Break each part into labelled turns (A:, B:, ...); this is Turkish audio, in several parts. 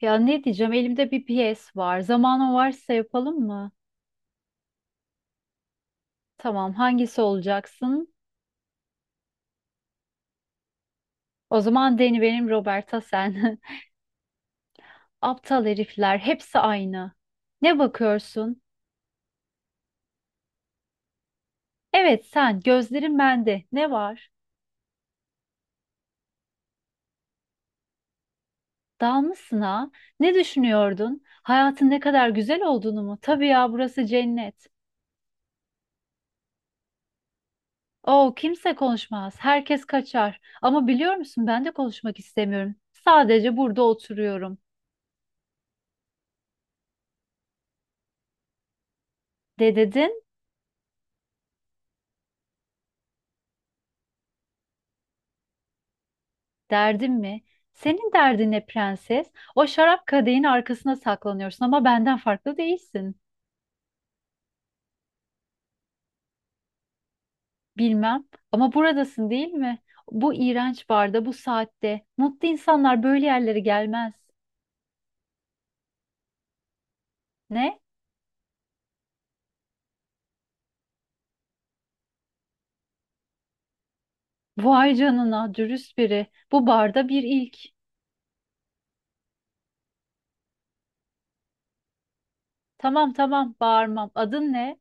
A: Ya ne diyeceğim? Elimde bir piyes var. Zamanın varsa yapalım mı? Tamam, hangisi olacaksın? O zaman Deni benim, Roberta sen. Aptal herifler, hepsi aynı. Ne bakıyorsun? Evet sen, gözlerin bende. Ne var? Dalmışsın ha? Ne düşünüyordun? Hayatın ne kadar güzel olduğunu mu? Tabii ya, burası cennet. Oo, kimse konuşmaz. Herkes kaçar. Ama biliyor musun ben de konuşmak istemiyorum. Sadece burada oturuyorum. De dedin? Derdin mi? Senin derdin ne prenses? O şarap kadehin arkasına saklanıyorsun ama benden farklı değilsin. Bilmem ama buradasın değil mi? Bu iğrenç barda, bu saatte. Mutlu insanlar böyle yerlere gelmez. Ne? Vay canına, dürüst biri. Bu barda bir ilk. Tamam tamam, bağırmam. Adın ne?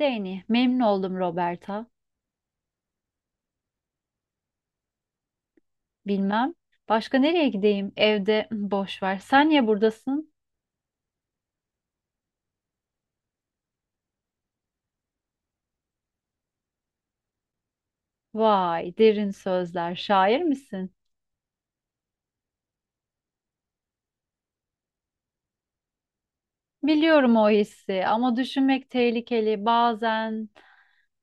A: Danny. Memnun oldum Roberta. Bilmem. Başka nereye gideyim? Evde boş ver. Sen niye buradasın? Vay, derin sözler. Şair misin? Biliyorum o hissi ama düşünmek tehlikeli. Bazen,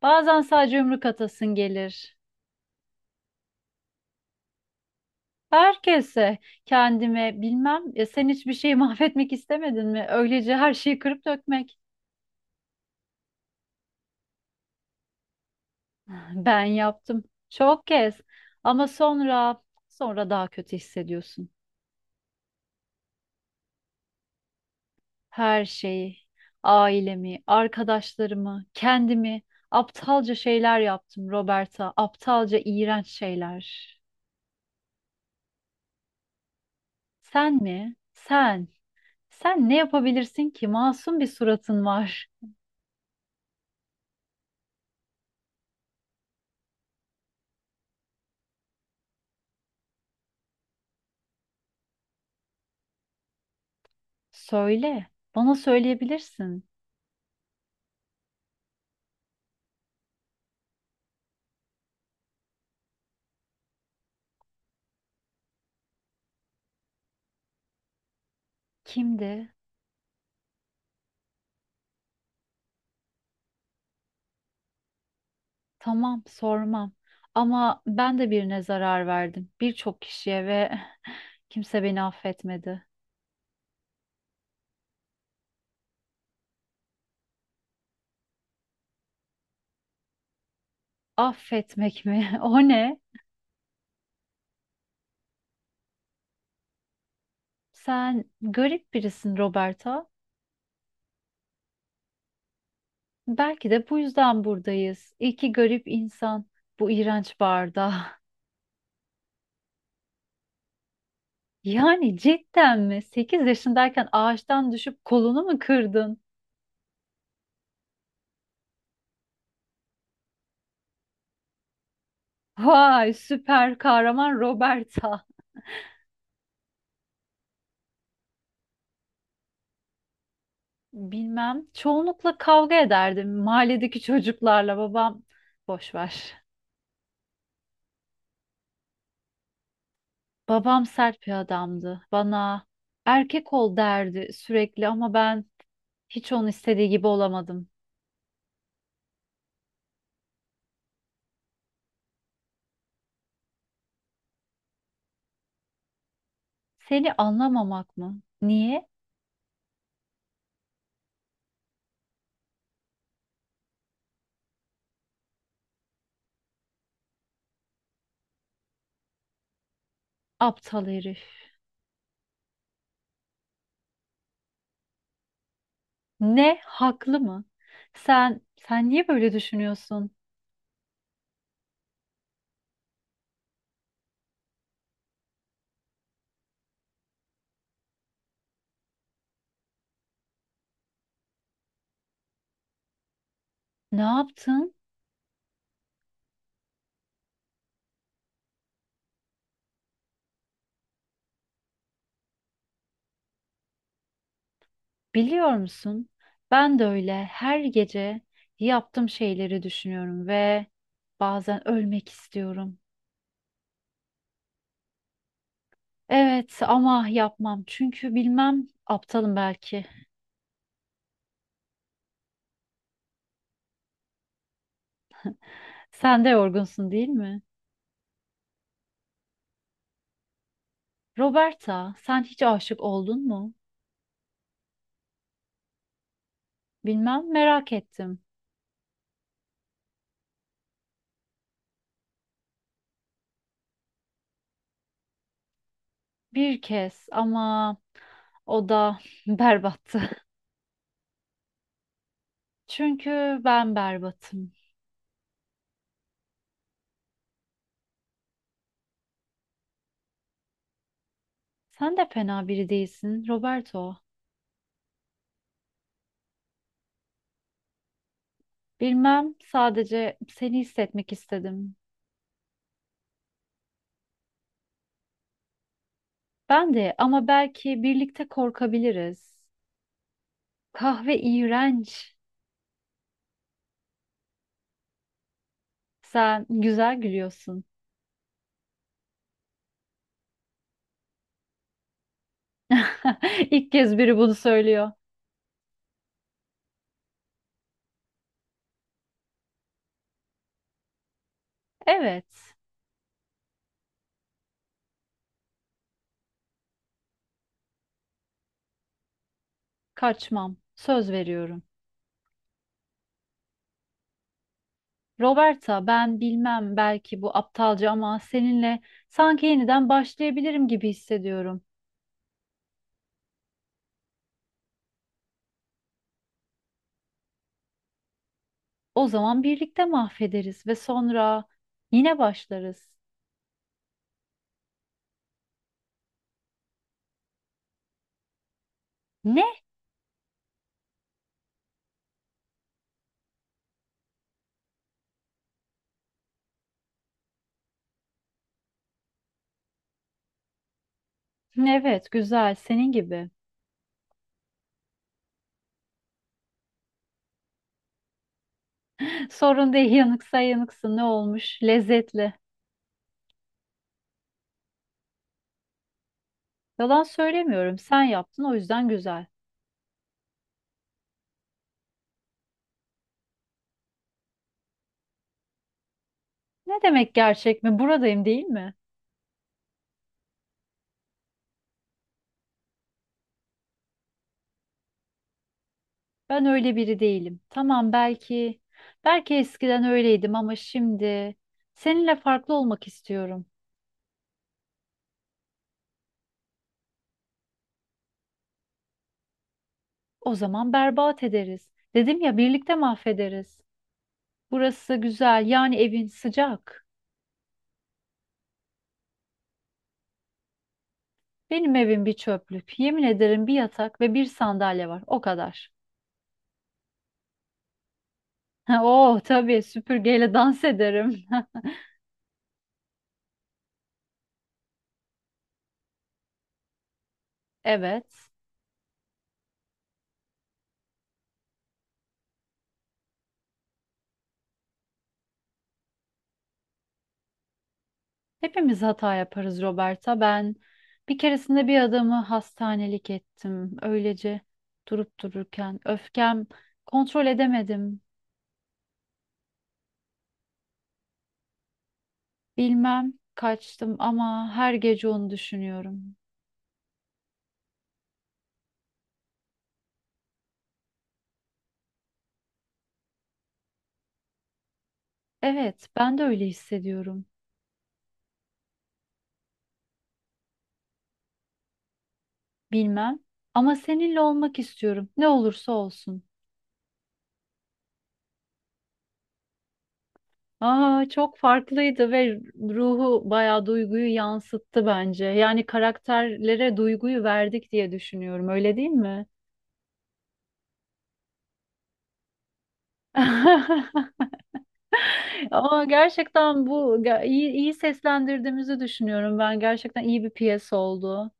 A: bazen sadece yumruk atasın gelir. Herkese, kendime bilmem. Ya sen hiçbir şeyi mahvetmek istemedin mi? Öylece her şeyi kırıp dökmek. Ben yaptım. Çok kez. Ama sonra, sonra daha kötü hissediyorsun. Her şeyi, ailemi, arkadaşlarımı, kendimi. Aptalca şeyler yaptım Roberta. Aptalca, iğrenç şeyler. Sen mi? Sen. Sen ne yapabilirsin ki? Masum bir suratın var. Söyle. Bana söyleyebilirsin. Kimdi? Tamam, sormam. Ama ben de birine zarar verdim. Birçok kişiye ve kimse beni affetmedi. Affetmek mi? O ne? Sen garip birisin Roberta. Belki de bu yüzden buradayız. İki garip insan bu iğrenç barda. Yani cidden mi? 8 yaşındayken ağaçtan düşüp kolunu mu kırdın? Vay süper kahraman Roberta. Bilmem. Çoğunlukla kavga ederdim mahalledeki çocuklarla. Babam boş ver. Babam sert bir adamdı. Bana erkek ol derdi sürekli ama ben hiç onun istediği gibi olamadım. Seni anlamamak mı? Niye? Aptal herif. Ne? Haklı mı? Sen niye böyle düşünüyorsun? Ne yaptın? Biliyor musun? Ben de öyle her gece yaptığım şeyleri düşünüyorum ve bazen ölmek istiyorum. Evet ama yapmam çünkü bilmem aptalım belki. Sen de yorgunsun değil mi? Roberta, sen hiç aşık oldun mu? Bilmem merak ettim. Bir kez ama o da berbattı. Çünkü ben berbatım. Sen de fena biri değilsin, Roberto. Bilmem sadece seni hissetmek istedim. Ben de ama belki birlikte korkabiliriz. Kahve iğrenç. Sen güzel gülüyorsun. İlk kez biri bunu söylüyor. Evet, kaçmam. Söz veriyorum. Roberta, ben bilmem belki bu aptalca ama seninle sanki yeniden başlayabilirim gibi hissediyorum. O zaman birlikte mahvederiz ve sonra yine başlarız. Ne? Evet, güzel, senin gibi. Sorun değil, yanıksa yanıksın ne olmuş? Lezzetli. Yalan söylemiyorum. Sen yaptın o yüzden güzel. Ne demek gerçek mi? Buradayım değil mi? Ben öyle biri değilim. Tamam belki, belki eskiden öyleydim ama şimdi seninle farklı olmak istiyorum. O zaman berbat ederiz. Dedim ya birlikte mahvederiz. Burası güzel, yani evin sıcak. Benim evim bir çöplük. Yemin ederim bir yatak ve bir sandalye var. O kadar. Oh tabii, süpürgeyle dans ederim. Evet. Hepimiz hata yaparız Roberta. Ben bir keresinde bir adamı hastanelik ettim. Öylece durup dururken öfkem, kontrol edemedim. Bilmem kaçtım ama her gece onu düşünüyorum. Evet, ben de öyle hissediyorum. Bilmem ama seninle olmak istiyorum. Ne olursa olsun. Aa, çok farklıydı ve ruhu bayağı duyguyu yansıttı bence. Yani karakterlere duyguyu verdik diye düşünüyorum. Öyle değil mi? Ama gerçekten iyi, iyi seslendirdiğimizi düşünüyorum ben. Gerçekten iyi bir piyes oldu.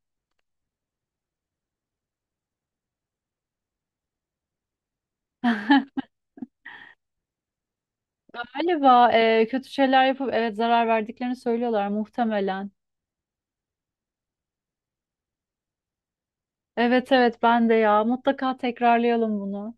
A: Galiba kötü şeyler yapıp evet zarar verdiklerini söylüyorlar muhtemelen. Evet evet ben de ya, mutlaka tekrarlayalım bunu.